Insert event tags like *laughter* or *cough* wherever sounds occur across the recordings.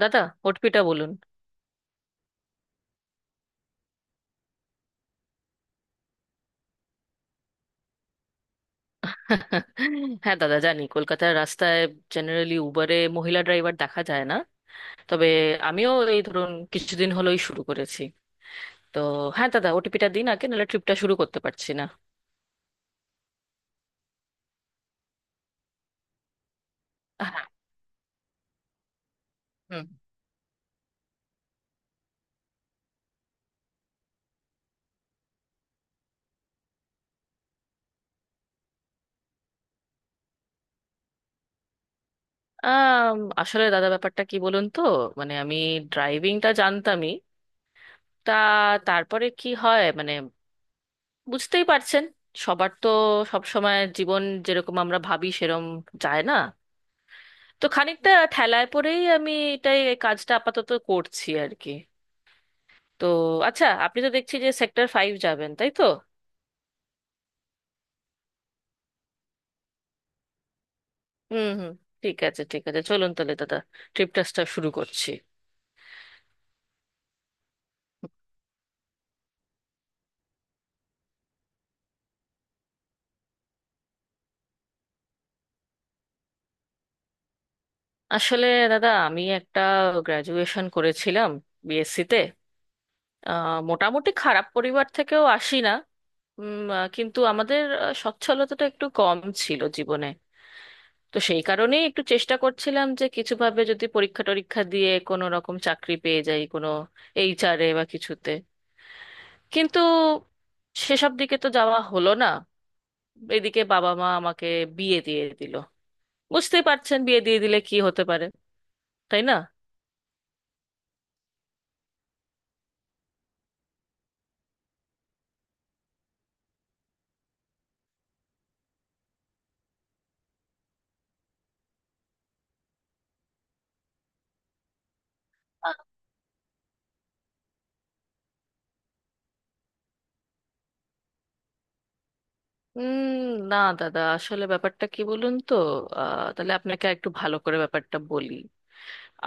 দাদা, ওটিপিটা বলুন। *laughs* হ্যাঁ দাদা, জানি কলকাতার রাস্তায় জেনারেলি উবারে মহিলা ড্রাইভার দেখা যায় না। তবে আমিও এই ধরুন কিছুদিন হলোই শুরু করেছি। তো হ্যাঁ দাদা, ওটিপিটা দিন আগে, নাহলে ট্রিপটা শুরু করতে পারছি না। হ্যাঁ, হুম। আম, আসলে দাদা, ব্যাপারটা কি বলুন তো। মানে আমি ড্রাইভিংটা জানতামই। তা তারপরে কি হয়, মানে বুঝতেই পারছেন সবার তো সব সময় জীবন যেরকম আমরা ভাবি সেরকম যায় না। তো খানিকটা ঠেলায় পরেই আমি এই কাজটা আপাতত করছি আর কি। তো আচ্ছা, আপনি তো দেখছি যে সেক্টর ফাইভ যাবেন, তাই তো? হুম হুম। ঠিক আছে ঠিক আছে, চলুন তাহলে দাদা, ট্রিপ টাসটা শুরু করছি। আসলে দাদা, আমি একটা গ্র্যাজুয়েশন করেছিলাম, বিএসসি তে। মোটামুটি খারাপ পরিবার থেকেও আসি না। কিন্তু আমাদের সচ্ছলতাটা একটু কম ছিল জীবনে। তো সেই কারণেই একটু চেষ্টা করছিলাম যে কিছুভাবে যদি পরীক্ষা টরীক্ষা দিয়ে কোনো রকম চাকরি পেয়ে যাই কোনো এইচআরে বা কিছুতে। কিন্তু সেসব দিকে তো যাওয়া হলো না। এদিকে বাবা মা আমাকে বিয়ে দিয়ে দিল। বুঝতেই পারছেন বিয়ে দিয়ে দিলে কি হতে পারে, তাই না? আহ, উম না দাদা, আসলে ব্যাপারটা কি বলুন তো। তাহলে আপনাকে একটু ভালো করে ব্যাপারটা বলি।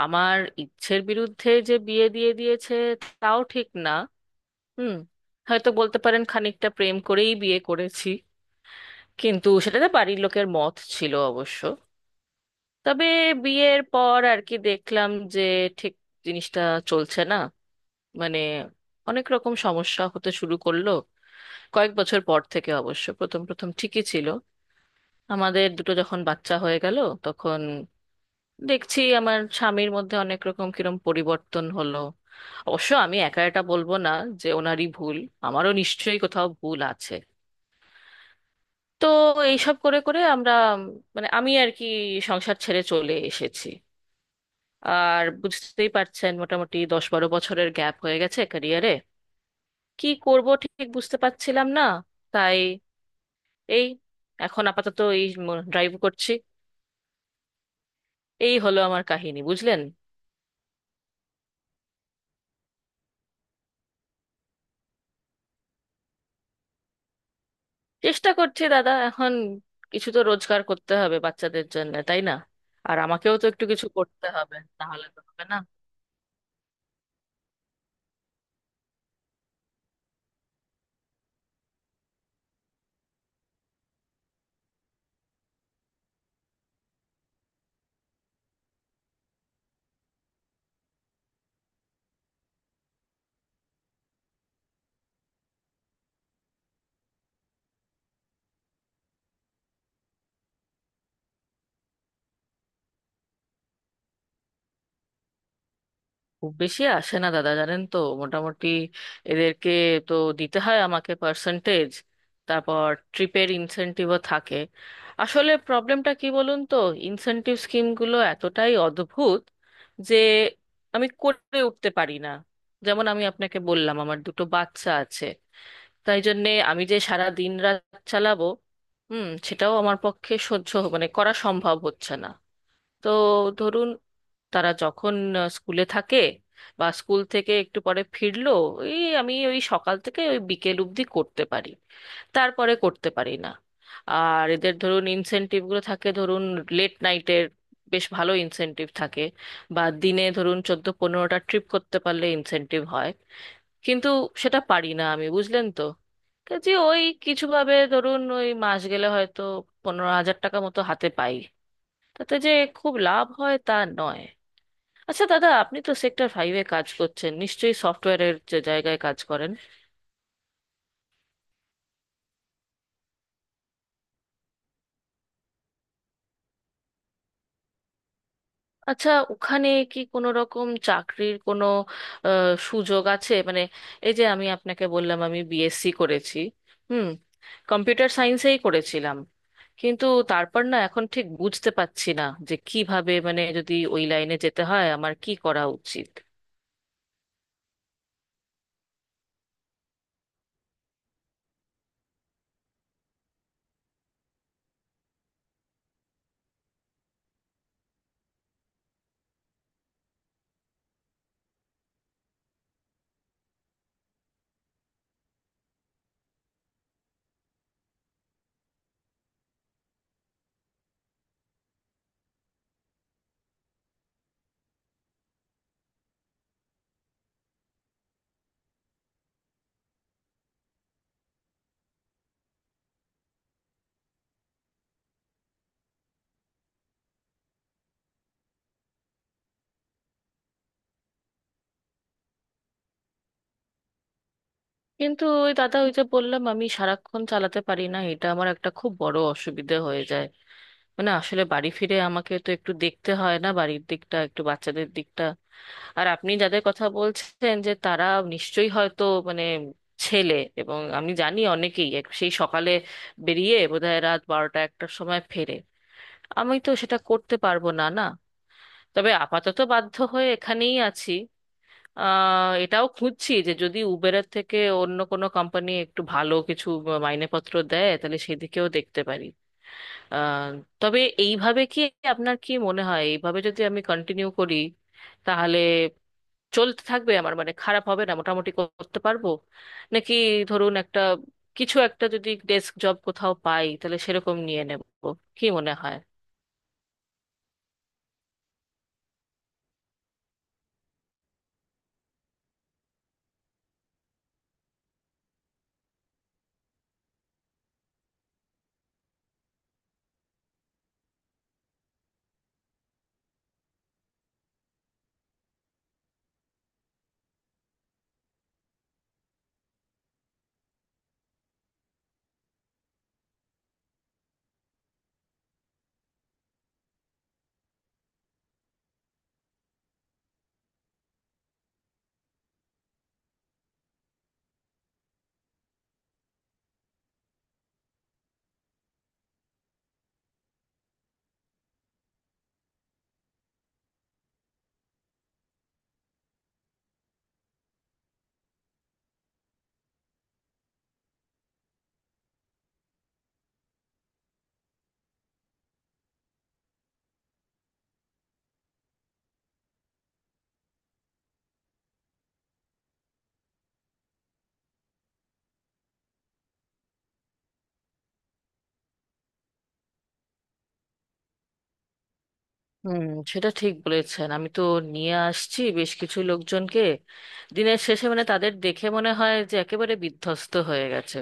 আমার ইচ্ছের বিরুদ্ধে যে বিয়ে দিয়ে দিয়েছে, তাও ঠিক না। হুম। হয়তো বলতে পারেন খানিকটা প্রেম করেই বিয়ে করেছি, কিন্তু সেটাতে বাড়ির লোকের মত ছিল অবশ্য। তবে বিয়ের পর আর কি দেখলাম যে ঠিক জিনিসটা চলছে না, মানে অনেক রকম সমস্যা হতে শুরু করলো। কয়েক বছর পর থেকে অবশ্য, প্রথম প্রথম ঠিকই ছিল। আমাদের দুটো যখন বাচ্চা হয়ে গেল, তখন দেখছি আমার স্বামীর মধ্যে অনেক রকম কিরম পরিবর্তন হলো। অবশ্য আমি একা এটা বলবো না যে ওনারই ভুল, আমারও নিশ্চয়ই কোথাও ভুল আছে। তো এইসব করে করে আমরা, উম, মানে আমি আর কি সংসার ছেড়ে চলে এসেছি। আর বুঝতেই পারছেন মোটামুটি 10-12 বছরের গ্যাপ হয়ে গেছে ক্যারিয়ারে। কি করব ঠিক বুঝতে পারছিলাম না। তাই এই এখন আপাতত এই ড্রাইভ করছি। এই হলো আমার কাহিনী, বুঝলেন? চেষ্টা করছি দাদা এখন, কিছু তো রোজগার করতে হবে বাচ্চাদের জন্য, তাই না? আর আমাকেও তো একটু কিছু করতে হবে, না হলে তো হবে না। খুব বেশি আসে না দাদা, জানেন তো। মোটামুটি এদেরকে তো দিতে হয় আমাকে পার্সেন্টেজ। তারপর ট্রিপের ইনসেনটিভও থাকে। আসলে প্রবলেমটা কি বলুন তো, ইনসেনটিভ স্কিমগুলো এতটাই অদ্ভুত যে আমি করে উঠতে পারি না। যেমন আমি আপনাকে বললাম আমার দুটো বাচ্চা আছে, তাই জন্যে আমি যে সারা দিন রাত চালাবো, হুম, সেটাও আমার পক্ষে মানে করা সম্ভব হচ্ছে না। তো ধরুন, তারা যখন স্কুলে থাকে বা স্কুল থেকে একটু পরে ফিরলো, এই আমি ওই সকাল থেকে ওই বিকেল অবধি করতে পারি, তারপরে করতে পারি না। আর এদের ধরুন ইনসেনটিভগুলো থাকে, ধরুন লেট নাইটের বেশ ভালো ইনসেনটিভ থাকে, বা দিনে ধরুন 14-15টা ট্রিপ করতে পারলে ইনসেনটিভ হয়। কিন্তু সেটা পারি না আমি, বুঝলেন তো? যে ওই কিছুভাবে ধরুন ওই মাস গেলে হয়তো 15,000 টাকা মতো হাতে পাই, তাতে যে খুব লাভ হয় তা নয়। আচ্ছা দাদা, আপনি তো সেক্টর ফাইভে কাজ করছেন নিশ্চয়ই সফটওয়্যারের, যে জায়গায় কাজ করেন। আচ্ছা ওখানে কি কোনো রকম চাকরির কোনো সুযোগ আছে, মানে এই যে আমি আপনাকে বললাম আমি বিএসসি করেছি, হুম, কম্পিউটার সায়েন্সেই করেছিলাম। কিন্তু তারপর না এখন ঠিক বুঝতে পারছি না যে কিভাবে, মানে যদি ওই লাইনে যেতে হয় আমার কি করা উচিত। কিন্তু ওই দাদা, ওই যে বললাম আমি সারাক্ষণ চালাতে পারি না, এটা আমার একটা খুব বড় অসুবিধে হয়ে যায়। মানে আসলে বাড়ি ফিরে আমাকে তো একটু দেখতে হয় না বাড়ির দিকটা, একটু বাচ্চাদের দিকটা। আর আপনি যাদের কথা বলছেন যে তারা নিশ্চয়ই হয়তো মানে ছেলে, এবং আমি জানি অনেকেই সেই সকালে বেরিয়ে বোধহয় রাত 12টা-1টার সময় ফেরে। আমি তো সেটা করতে পারবো না, না। তবে আপাতত বাধ্য হয়ে এখানেই আছি। আহ এটাও খুঁজছি যে যদি উবেরের থেকে অন্য কোনো কোম্পানি একটু ভালো কিছু মাইনেপত্র দেয় তাহলে সেদিকেও দেখতে পারি। আহ, তবে এইভাবে কি, আপনার কি মনে হয় এইভাবে যদি আমি কন্টিনিউ করি তাহলে চলতে থাকবে আমার, মানে খারাপ হবে না মোটামুটি করতে পারবো? নাকি ধরুন একটা কিছু একটা যদি ডেস্ক জব কোথাও পাই তাহলে সেরকম নিয়ে নেব? কি মনে হয়? হুম, সেটা ঠিক বলেছেন। আমি তো নিয়ে আসছি বেশ কিছু লোকজনকে, দিনের শেষে মানে তাদের দেখে মনে হয় যে একেবারে বিধ্বস্ত হয়ে গেছে।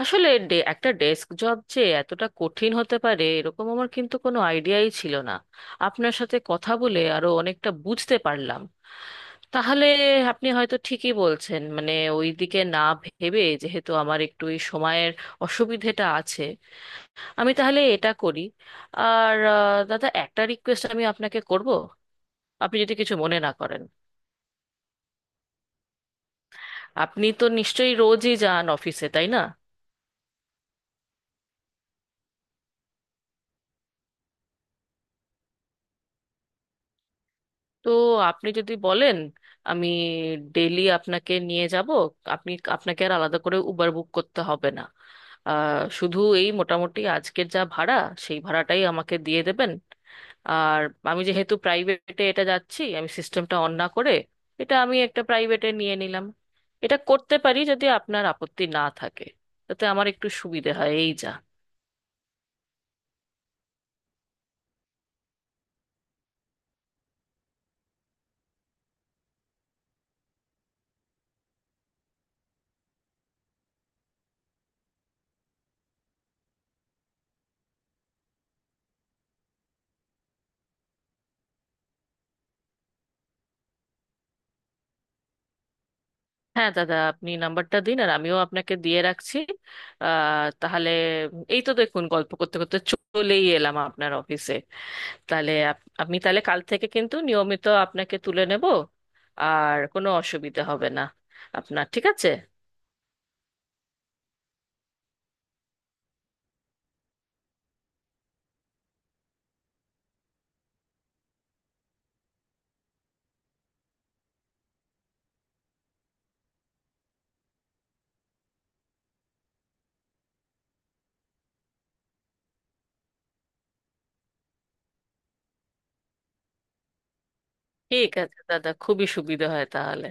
আসলে একটা ডেস্ক জব যে এতটা কঠিন হতে পারে এরকম আমার কিন্তু কোনো আইডিয়াই ছিল না। আপনার সাথে কথা বলে আরো অনেকটা বুঝতে পারলাম। তাহলে আপনি হয়তো ঠিকই বলছেন, মানে ওইদিকে না ভেবে, যেহেতু আমার একটু এই সময়ের অসুবিধেটা আছে, আমি তাহলে এটা করি। আর দাদা, একটা রিকোয়েস্ট আমি আপনাকে করব, আপনি যদি কিছু মনে না করেন। আপনি তো নিশ্চয়ই রোজই যান অফিসে, তাই না? তো আপনি যদি বলেন, আমি ডেলি আপনাকে নিয়ে যাব। আপনি আপনাকে আর আলাদা করে উবার বুক করতে হবে না। শুধু এই মোটামুটি আজকের যা ভাড়া, সেই ভাড়াটাই আমাকে দিয়ে দেবেন। আর আমি যেহেতু প্রাইভেটে এটা যাচ্ছি, আমি সিস্টেমটা অন না করে এটা আমি একটা প্রাইভেটে নিয়ে নিলাম। এটা করতে পারি যদি আপনার আপত্তি না থাকে, তাতে আমার একটু সুবিধে হয় এই যা। হ্যাঁ দাদা, আপনি নাম্বারটা দিন, আর আমিও আপনাকে দিয়ে রাখছি। আহ তাহলে, এই তো দেখুন গল্প করতে করতে চলেই এলাম আপনার অফিসে। তাহলে আমি তাহলে কাল থেকে কিন্তু নিয়মিত আপনাকে তুলে নেব, আর কোনো অসুবিধা হবে না আপনার, ঠিক আছে? ঠিক আছে দাদা, খুবই সুবিধা হয় তাহলে।